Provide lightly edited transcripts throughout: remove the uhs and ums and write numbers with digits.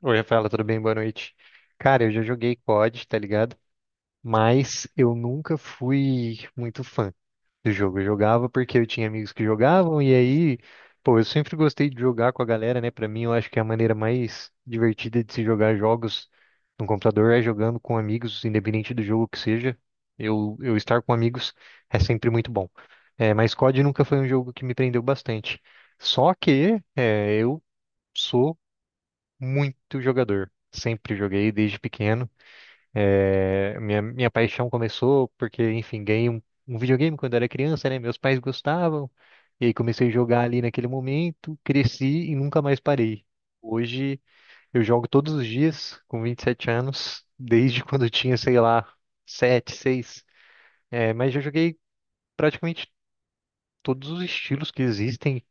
Oi, Rafaela, tudo bem? Boa noite. Cara, eu já joguei COD, tá ligado? Mas eu nunca fui muito fã do jogo. Eu jogava porque eu tinha amigos que jogavam, e aí, pô, eu sempre gostei de jogar com a galera, né? Pra mim, eu acho que a maneira mais divertida de se jogar jogos no computador é jogando com amigos, independente do jogo que seja. Eu estar com amigos é sempre muito bom. É, mas COD nunca foi um jogo que me prendeu bastante. Só que é, eu sou muito jogador. Sempre joguei desde pequeno. É, minha paixão começou porque, enfim, ganhei um videogame quando era criança, né? Meus pais gostavam. E aí comecei a jogar ali naquele momento, cresci e nunca mais parei. Hoje eu jogo todos os dias, com 27 anos, desde quando eu tinha, sei lá, 7 seis. É, mas já joguei praticamente todos os estilos que existem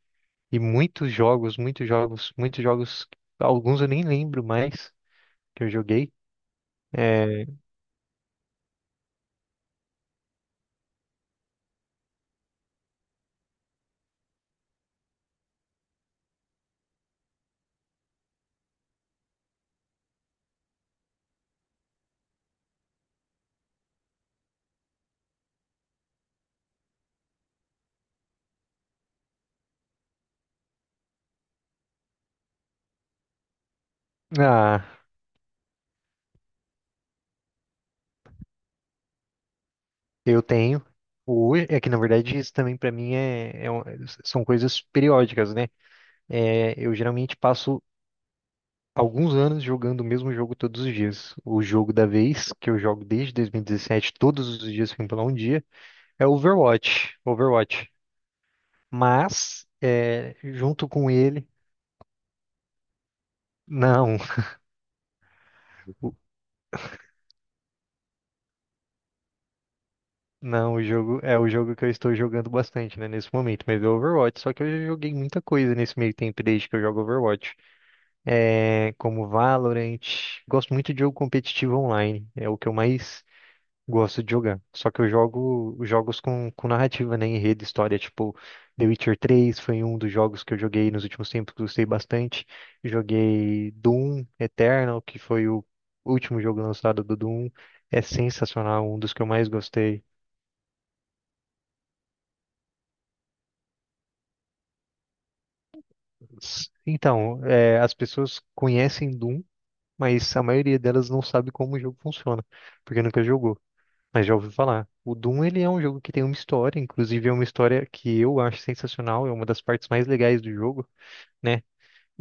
e muitos jogos, muitos jogos, muitos jogos. Alguns eu nem lembro mais que eu joguei. É, ah, eu tenho. O é que na verdade isso também para mim são coisas periódicas, né? É, eu geralmente passo alguns anos jogando o mesmo jogo todos os dias. O jogo da vez, que eu jogo desde 2017, todos os dias sem pular um dia, é Overwatch. Overwatch. Mas, é, junto com ele, não. o- Não, o jogo é o jogo que eu estou jogando bastante, né, nesse momento, mas é o Overwatch, só que eu já joguei muita coisa nesse meio tempo desde que eu jogo Overwatch. É, como Valorant. Gosto muito de jogo competitivo online, é o que eu mais gosto de jogar. Só que eu jogo jogos com narrativa, né, enredo, história, tipo The Witcher 3 foi um dos jogos que eu joguei nos últimos tempos, que gostei bastante. Joguei Doom Eternal, que foi o último jogo lançado do Doom. É sensacional, um dos que eu mais gostei. Então, é, as pessoas conhecem Doom, mas a maioria delas não sabe como o jogo funciona, porque nunca jogou. Mas já ouvi falar. O Doom, ele é um jogo que tem uma história, inclusive é uma história que eu acho sensacional, é uma das partes mais legais do jogo, né?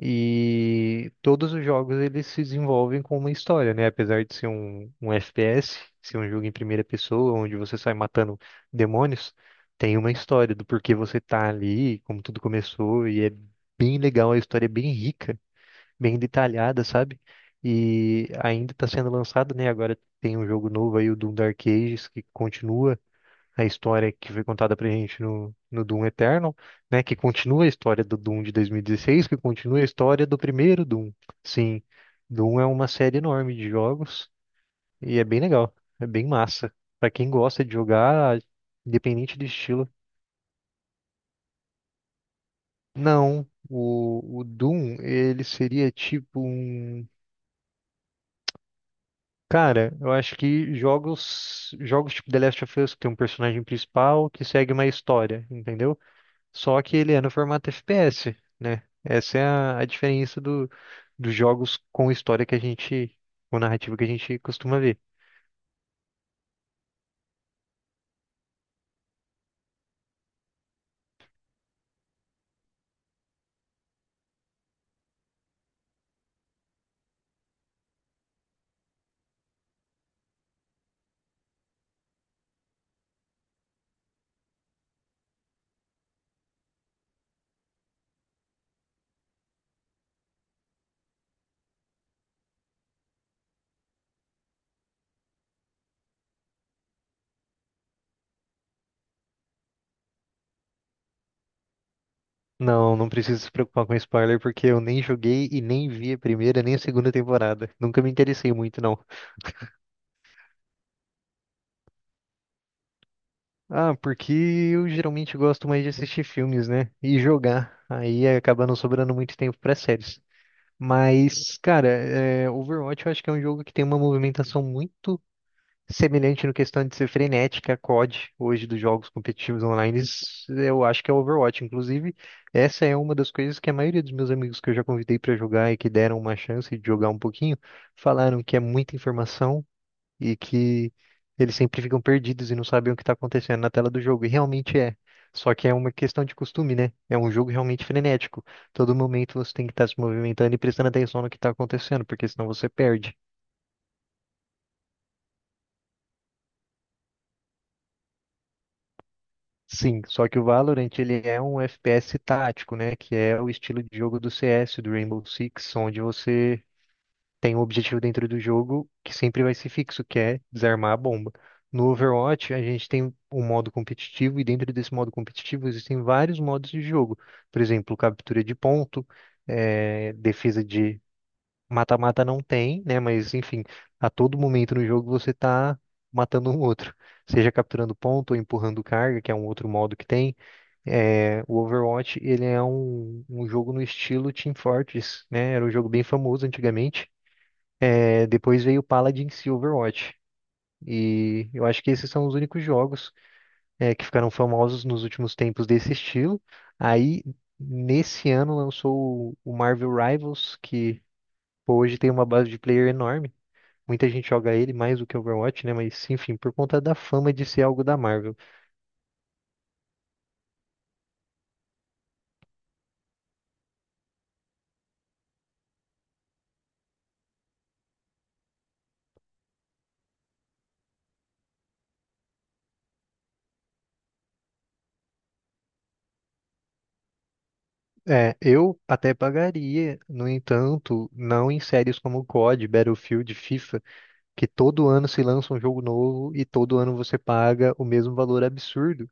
E todos os jogos eles se desenvolvem com uma história, né? Apesar de ser um FPS, ser um jogo em primeira pessoa, onde você sai matando demônios, tem uma história do porquê você tá ali, como tudo começou, e é bem legal, a história é bem rica, bem detalhada, sabe? E ainda está sendo lançado, né? Agora tem um jogo novo aí, o Doom Dark Ages, que continua a história que foi contada pra gente no Doom Eternal, né? Que continua a história do Doom de 2016, que continua a história do primeiro Doom. Sim, Doom é uma série enorme de jogos e é bem legal, é bem massa. Pra quem gosta de jogar, independente do estilo. Não, o Doom, ele seria tipo um. Cara, eu acho que jogos, jogos tipo The Last of Us, que tem um personagem principal que segue uma história, entendeu? Só que ele é no formato FPS, né? Essa é a diferença do, dos jogos com história que a gente, com narrativa que a gente costuma ver. Não, não precisa se preocupar com spoiler, porque eu nem joguei e nem vi a primeira nem a segunda temporada. Nunca me interessei muito, não. Ah, porque eu geralmente gosto mais de assistir filmes, né? E jogar. Aí acaba não sobrando muito tempo para séries. Mas, cara, é, Overwatch eu acho que é um jogo que tem uma movimentação muito semelhante no questão de ser frenética, a COD, hoje dos jogos competitivos online, isso eu acho que é Overwatch. Inclusive, essa é uma das coisas que a maioria dos meus amigos que eu já convidei para jogar e que deram uma chance de jogar um pouquinho, falaram que é muita informação, e que eles sempre ficam perdidos e não sabem o que está acontecendo na tela do jogo. E realmente é. Só que é uma questão de costume, né? É um jogo realmente frenético. Todo momento você tem que estar se movimentando e prestando atenção no que está acontecendo, porque senão você perde. Sim, só que o Valorant ele é um FPS tático, né? Que é o estilo de jogo do CS, do Rainbow Six, onde você tem um objetivo dentro do jogo que sempre vai ser fixo, que é desarmar a bomba. No Overwatch, a gente tem um modo competitivo e dentro desse modo competitivo existem vários modos de jogo. Por exemplo, captura de ponto, eh, defesa de mata-mata não tem, né? Mas enfim, a todo momento no jogo você tá matando um outro, seja capturando ponto ou empurrando carga, que é um outro modo que tem. Eh, o Overwatch ele é um jogo no estilo Team Fortress, né? Era um jogo bem famoso antigamente. É, depois veio o Paladin e Overwatch. E eu acho que esses são os únicos jogos é, que ficaram famosos nos últimos tempos desse estilo. Aí, nesse ano, lançou o Marvel Rivals, que pô, hoje tem uma base de player enorme. Muita gente joga ele mais do que Overwatch, né? Mas, enfim, por conta da fama de ser algo da Marvel. É, eu até pagaria, no entanto, não em séries como C o COD, Battlefield, FIFA, que todo ano se lança um jogo novo e todo ano você paga o mesmo valor absurdo.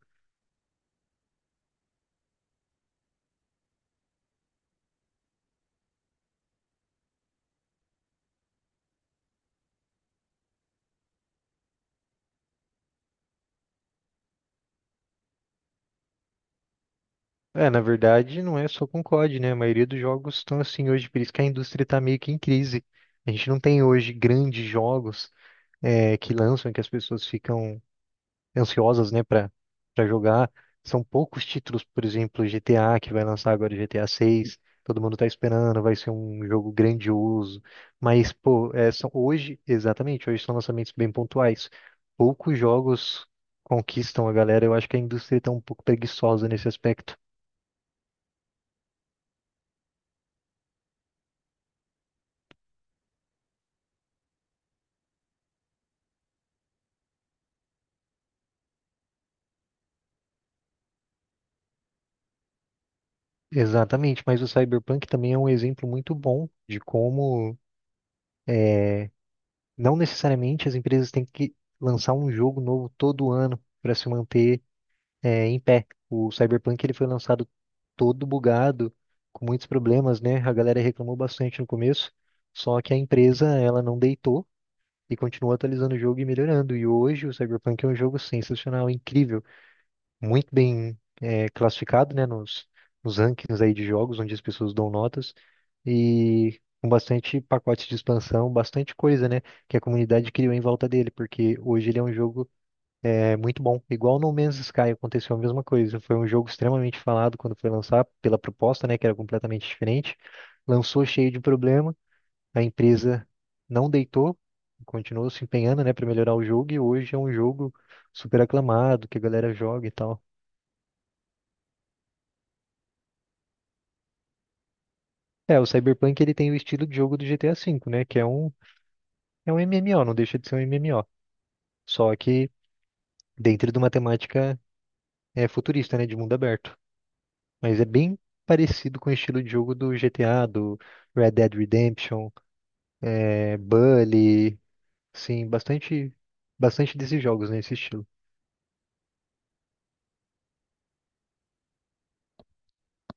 É, na verdade, não é só com COD, né? A maioria dos jogos estão assim hoje, por isso que a indústria tá meio que em crise. A gente não tem hoje grandes jogos é, que lançam, que as pessoas ficam ansiosas, né, para jogar. São poucos títulos, por exemplo, GTA, que vai lançar agora o GTA 6. Todo mundo tá esperando, vai ser um jogo grandioso. Mas, pô, é, são hoje, exatamente, hoje são lançamentos bem pontuais. Poucos jogos conquistam a galera. Eu acho que a indústria tá um pouco preguiçosa nesse aspecto. Exatamente, mas o Cyberpunk também é um exemplo muito bom de como é, não necessariamente as empresas têm que lançar um jogo novo todo ano para se manter é, em pé. O Cyberpunk ele foi lançado todo bugado, com muitos problemas, né? A galera reclamou bastante no começo, só que a empresa ela não deitou e continuou atualizando o jogo e melhorando. E hoje o Cyberpunk é um jogo sensacional, incrível, muito bem é, classificado, né? Nos rankings aí de jogos, onde as pessoas dão notas e com bastante pacote de expansão, bastante coisa, né? Que a comunidade criou em volta dele, porque hoje ele é um jogo é muito bom. Igual No Man's Sky aconteceu a mesma coisa. Foi um jogo extremamente falado quando foi lançar, pela proposta, né, que era completamente diferente. Lançou cheio de problema, a empresa não deitou, continuou se empenhando, né, para melhorar o jogo e hoje é um jogo super aclamado, que a galera joga e tal. É, o Cyberpunk ele tem o estilo de jogo do GTA V, né, que é um MMO, não deixa de ser um MMO, só que dentro de uma temática é, futurista, né, de mundo aberto. Mas é bem parecido com o estilo de jogo do GTA, do Red Dead Redemption, é, Bully, sim, bastante, bastante desses jogos nesse estilo.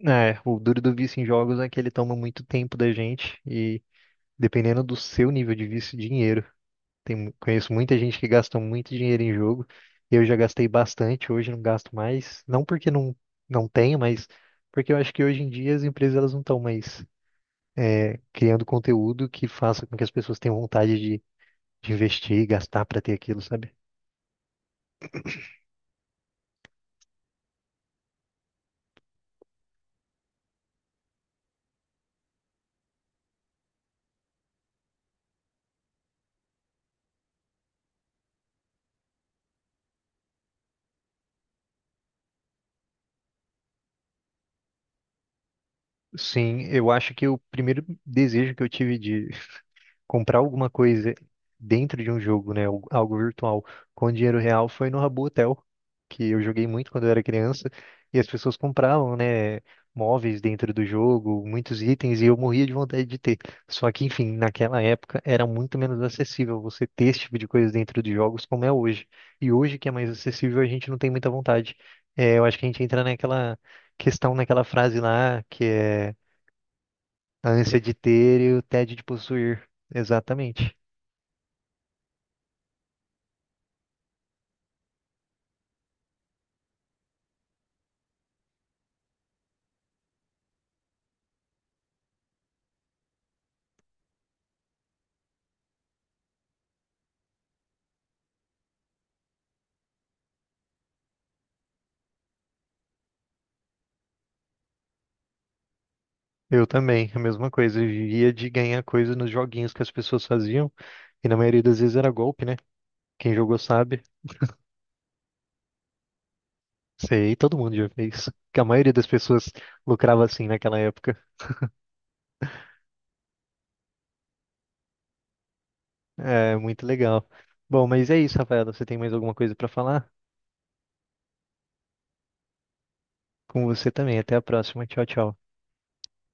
É, o duro do vício em jogos é que ele toma muito tempo da gente e dependendo do seu nível de vício, dinheiro. Tem, conheço muita gente que gasta muito dinheiro em jogo. Eu já gastei bastante, hoje não gasto mais. Não porque não tenho, mas porque eu acho que hoje em dia as empresas elas não estão mais criando conteúdo que faça com que as pessoas tenham vontade de investir e gastar para ter aquilo, sabe? Sim, eu acho que o primeiro desejo que eu tive de comprar alguma coisa dentro de um jogo, né, algo algo virtual, com dinheiro real foi no Rabu Hotel, que eu joguei muito quando eu era criança, e as pessoas compravam, né, móveis dentro do jogo, muitos itens, e eu morria de vontade de ter. Só que, enfim, naquela época era muito menos acessível você ter esse tipo de coisa dentro de jogos como é hoje. E hoje que é mais acessível, a gente não tem muita vontade. É, eu acho que a gente entra naquela questão, naquela frase lá, que é a ânsia de ter e o tédio de possuir. Exatamente. Eu também, a mesma coisa. Eu vivia de ganhar coisa nos joguinhos que as pessoas faziam. E na maioria das vezes era golpe, né? Quem jogou sabe. Sei, todo mundo já fez. Que a maioria das pessoas lucrava assim naquela época. É muito legal. Bom, mas é isso, Rafaela. Você tem mais alguma coisa pra falar? Com você também. Até a próxima. Tchau, tchau.